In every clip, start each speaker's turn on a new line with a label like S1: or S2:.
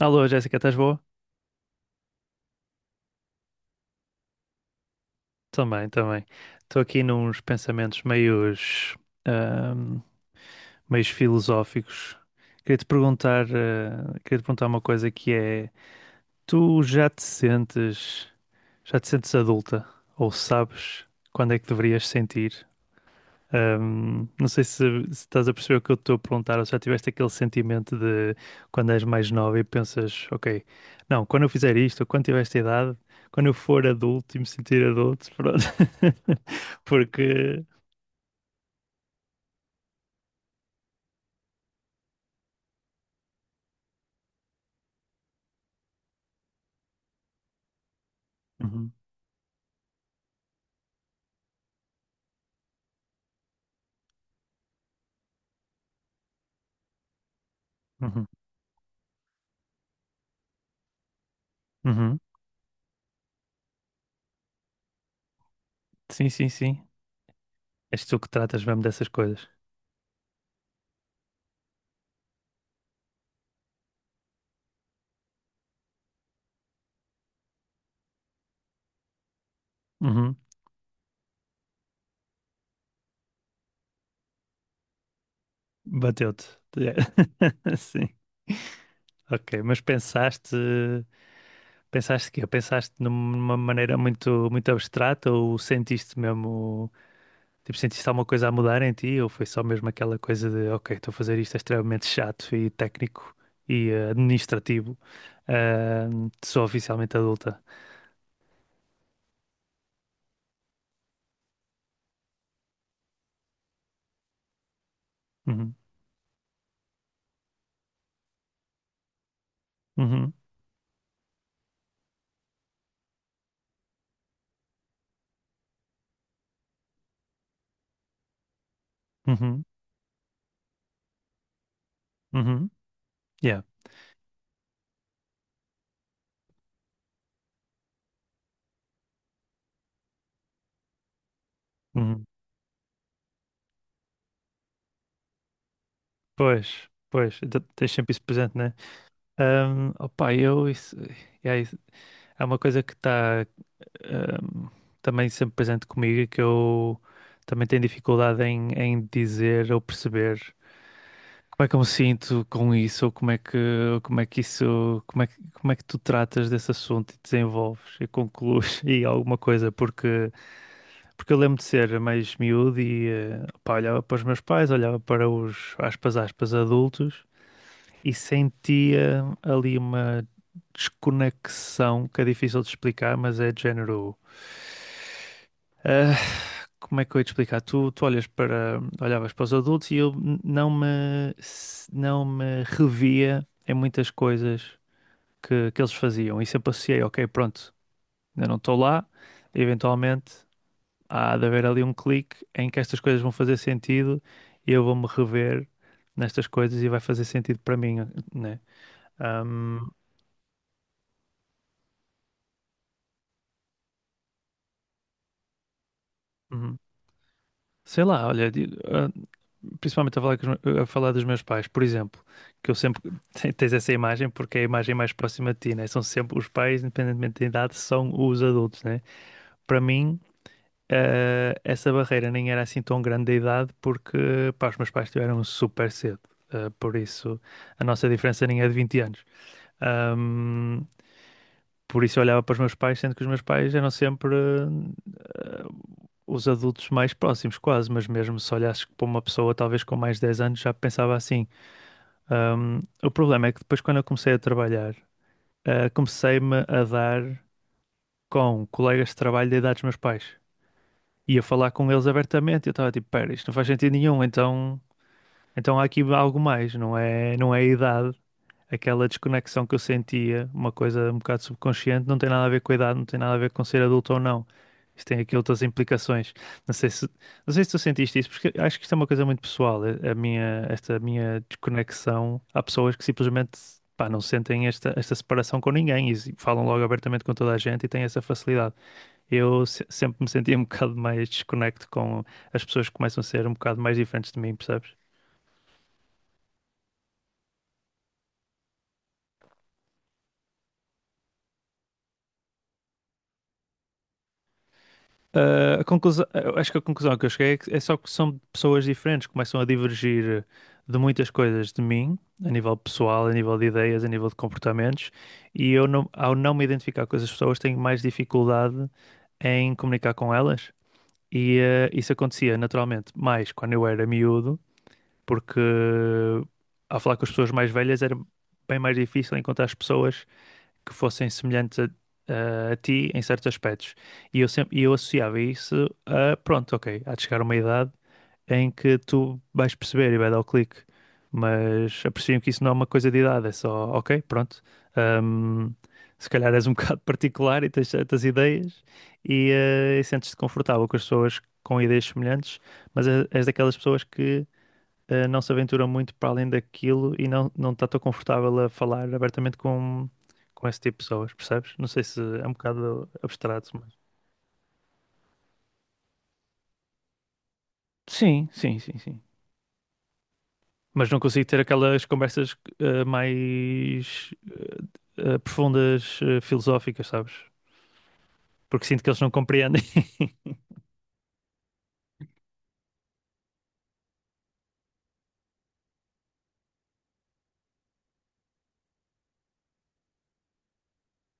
S1: Alô, Jéssica, estás boa? Também, também. Estou aqui nos pensamentos meios, ahm, meios filosóficos. Queria te perguntar, queria te perguntar uma coisa que é, tu já te sentes adulta? Ou sabes quando é que deverias sentir? Não sei se, se estás a perceber o que eu estou a perguntar, ou se já tiveste aquele sentimento de quando és mais nova e pensas, ok, não, quando eu fizer isto, ou quando tiver esta idade, quando eu for adulto e me sentir adulto, pronto. Porque. Uhum, uhum, uhum. Sim, sim, sim. És tu que tratas mesmo dessas coisas. Uhum. Bateu-te. Sim. Ok, mas pensaste, pensaste que Pensaste numa maneira muito, muito abstrata ou sentiste mesmo. Tipo, sentiste alguma coisa a mudar em ti ou foi só mesmo aquela coisa de, ok, estou a fazer isto é extremamente chato e técnico e administrativo, eh, sou oficialmente adulta. Uhum, uhum, uhum, uhum, yeah, uhum. Pois, pois, então tens sempre isso presente, né? Opa, eu, isso, yeah, é uma coisa que está também sempre presente comigo e que eu também tenho dificuldade em, em dizer ou perceber. Como é que eu me sinto com isso? Ou como é que isso, como é que tu tratas desse assunto e desenvolves e conclues e alguma coisa? Porque, porque eu lembro de ser mais miúdo e pá, olhava para os meus pais, olhava para os, aspas, aspas, adultos e sentia ali uma desconexão que é difícil de explicar, mas é de género. Ah, como é que eu ia te explicar? Tu olhas para, olhavas para os adultos e eu não me, não me revia em muitas coisas que eles faziam. E sempre associei, ok, pronto, ainda não estou lá, eventualmente há de haver ali um clique em que estas coisas vão fazer sentido e eu vou-me rever nestas coisas e vai fazer sentido para mim, né? Ahm, uhum. Sei lá, olha, principalmente a falar, com os a falar dos meus pais, por exemplo, que eu sempre tens essa imagem porque é a imagem mais próxima de ti, né? São sempre os pais, independentemente da idade, são os adultos, né? Para mim, essa barreira nem era assim tão grande da idade porque, pá, os meus pais tiveram super cedo. Por isso, a nossa diferença nem é de 20 anos. Ahm, por isso, eu olhava para os meus pais, sendo que os meus pais eram sempre os adultos mais próximos, quase, mas mesmo se olhasses para uma pessoa talvez com mais de 10 anos, já pensava assim. O problema é que depois, quando eu comecei a trabalhar, comecei-me a dar com colegas de trabalho da idade dos meus pais. Ia falar com eles abertamente eu estava tipo, pera, isto não faz sentido nenhum, então, então há aqui algo mais, não é, não é a idade, aquela desconexão que eu sentia, uma coisa um bocado subconsciente, não tem nada a ver com a idade, não tem nada a ver com ser adulto ou não. Isso tem aqui outras implicações. Não sei se, não sei se tu sentiste isso, porque acho que isto é uma coisa muito pessoal. A minha, esta minha desconexão, há pessoas que simplesmente pá, não sentem esta, esta separação com ninguém e falam logo abertamente com toda a gente e têm essa facilidade. Eu sempre me sentia um bocado mais desconecto com as pessoas que começam a ser um bocado mais diferentes de mim, percebes? A conclusão, eu acho que a conclusão que eu cheguei é só que são pessoas diferentes, começam a divergir de muitas coisas de mim, a nível pessoal, a nível de ideias, a nível de comportamentos, e eu não, ao não me identificar com essas pessoas, tenho mais dificuldade em comunicar com elas. E isso acontecia naturalmente mais quando eu era miúdo, porque ao falar com as pessoas mais velhas era bem mais difícil encontrar as pessoas que fossem semelhantes a, a ti em certos aspectos. E eu associava isso a, pronto, ok, há de chegar uma idade em que tu vais perceber e vai dar o clique. Mas aprecio que isso não é uma coisa de idade, é só, ok, pronto. hum, se calhar és um bocado particular e tens certas ideias e, e sentes-te confortável com as pessoas com ideias semelhantes, mas és daquelas pessoas que não se aventura muito para além daquilo e não, não está tão confortável a falar abertamente com esse tipo de pessoas, percebes? Não sei se é um bocado abstrato, mas. Sim, sim, sim, sim. Mas não consigo ter aquelas conversas mais profundas, filosóficas, sabes? Porque sinto que eles não compreendem.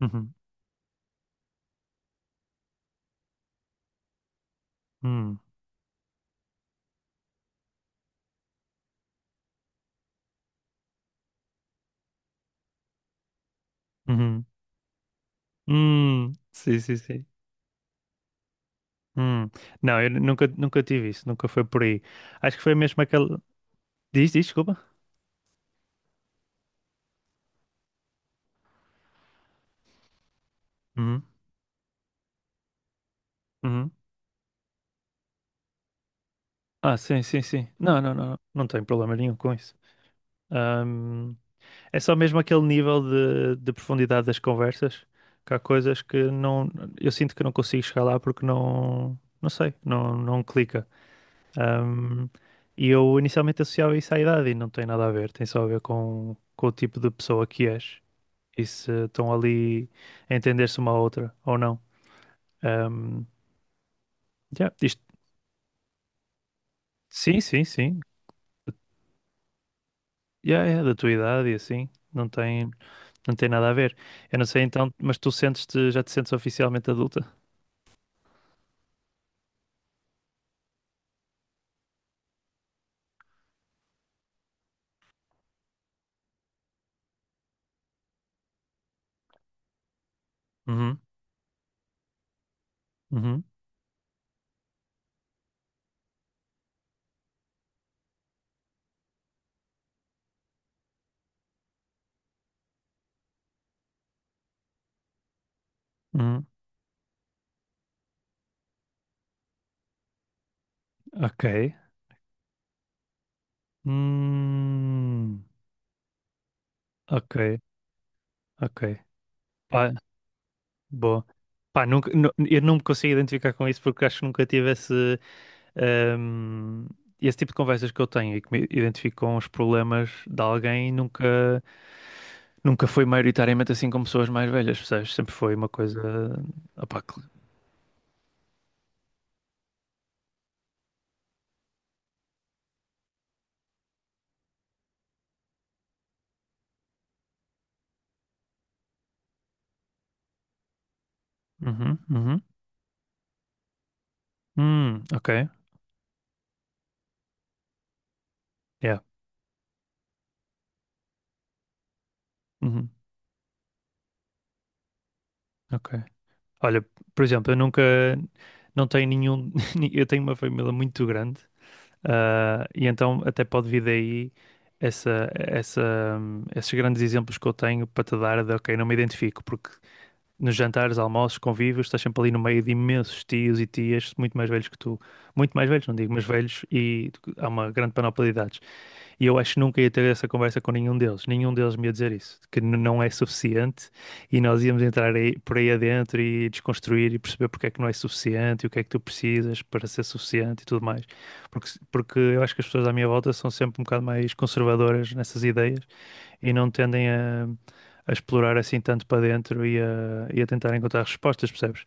S1: Uhum, uhum, uhum, sim, sim, sim. Hum. Não, eu nunca, nunca tive isso, nunca foi por aí. Acho que foi mesmo aquela. Diz, diz, desculpa. Uhum, uhum. Sim, sim, sim. Não, não, não, não tenho problema nenhum com isso. Ahm, é só mesmo aquele nível de profundidade das conversas, que há coisas que não, eu sinto que não consigo chegar lá porque não, não sei, não, não clica. Ahm, e eu inicialmente associava isso à idade e não tem nada a ver, tem só a ver com o tipo de pessoa que és e se estão ali a entender-se uma à outra ou não. Ahm, yeah, sim, sim, sim. Yeah, yeah, da tua idade e assim, não tem. Não tem nada a ver. Eu não sei então, mas tu sentes-te, já te sentes oficialmente adulta? Uhum, uhum, uhum. Ok. Hum, ok, ok. Pá, boa. Pá, nunca, eu não me consigo identificar com isso porque acho que nunca tive esse, hum, esse tipo de conversas que eu tenho e que me identifico com os problemas de alguém nunca, nunca foi maioritariamente assim com pessoas mais velhas, percebes? Sempre foi uma coisa. Opá, Uhum, uhum. Ok. Yeah. Uhum, ok. Olha, por exemplo, eu nunca, não tenho nenhum, eu tenho uma família muito grande, e então até pode vir daí essa, essa, esses grandes exemplos que eu tenho para te dar de, ok, não me identifico, porque nos jantares, almoços, convívios, estás sempre ali no meio de imensos tios e tias muito mais velhos que tu, muito mais velhos, não digo, mas velhos, e há uma grande panóplia de idades. E eu acho que nunca ia ter essa conversa com nenhum deles. Nenhum deles me ia dizer isso, que não é suficiente e nós íamos entrar aí, por aí adentro e desconstruir e perceber porque é que não é suficiente e o que é que tu precisas para ser suficiente e tudo mais. Porque, porque eu acho que as pessoas à minha volta são sempre um bocado mais conservadoras nessas ideias e não tendem a explorar assim tanto para dentro e a tentar encontrar respostas, percebes?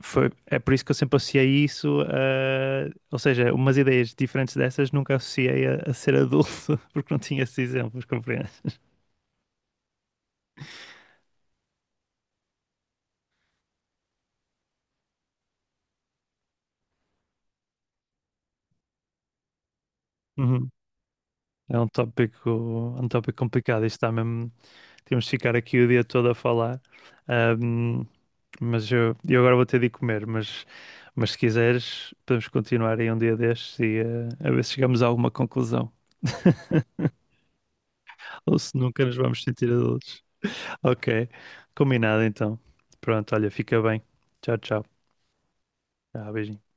S1: É por isso que eu sempre associei isso a, ou seja, umas ideias diferentes dessas nunca associei a ser adulto, porque não tinha esses exemplos, compreendes? Uhum. É um tópico, é um tópico complicado, isto está mesmo, temos de ficar aqui o dia todo a falar. Ahm, mas eu agora vou ter de ir comer, mas se quiseres podemos continuar aí um dia destes e a ver se chegamos a alguma conclusão, ou se nunca nos vamos sentir adultos. Ok, combinado então. Pronto, olha, fica bem. Tchau, tchau. Tá, beijinho.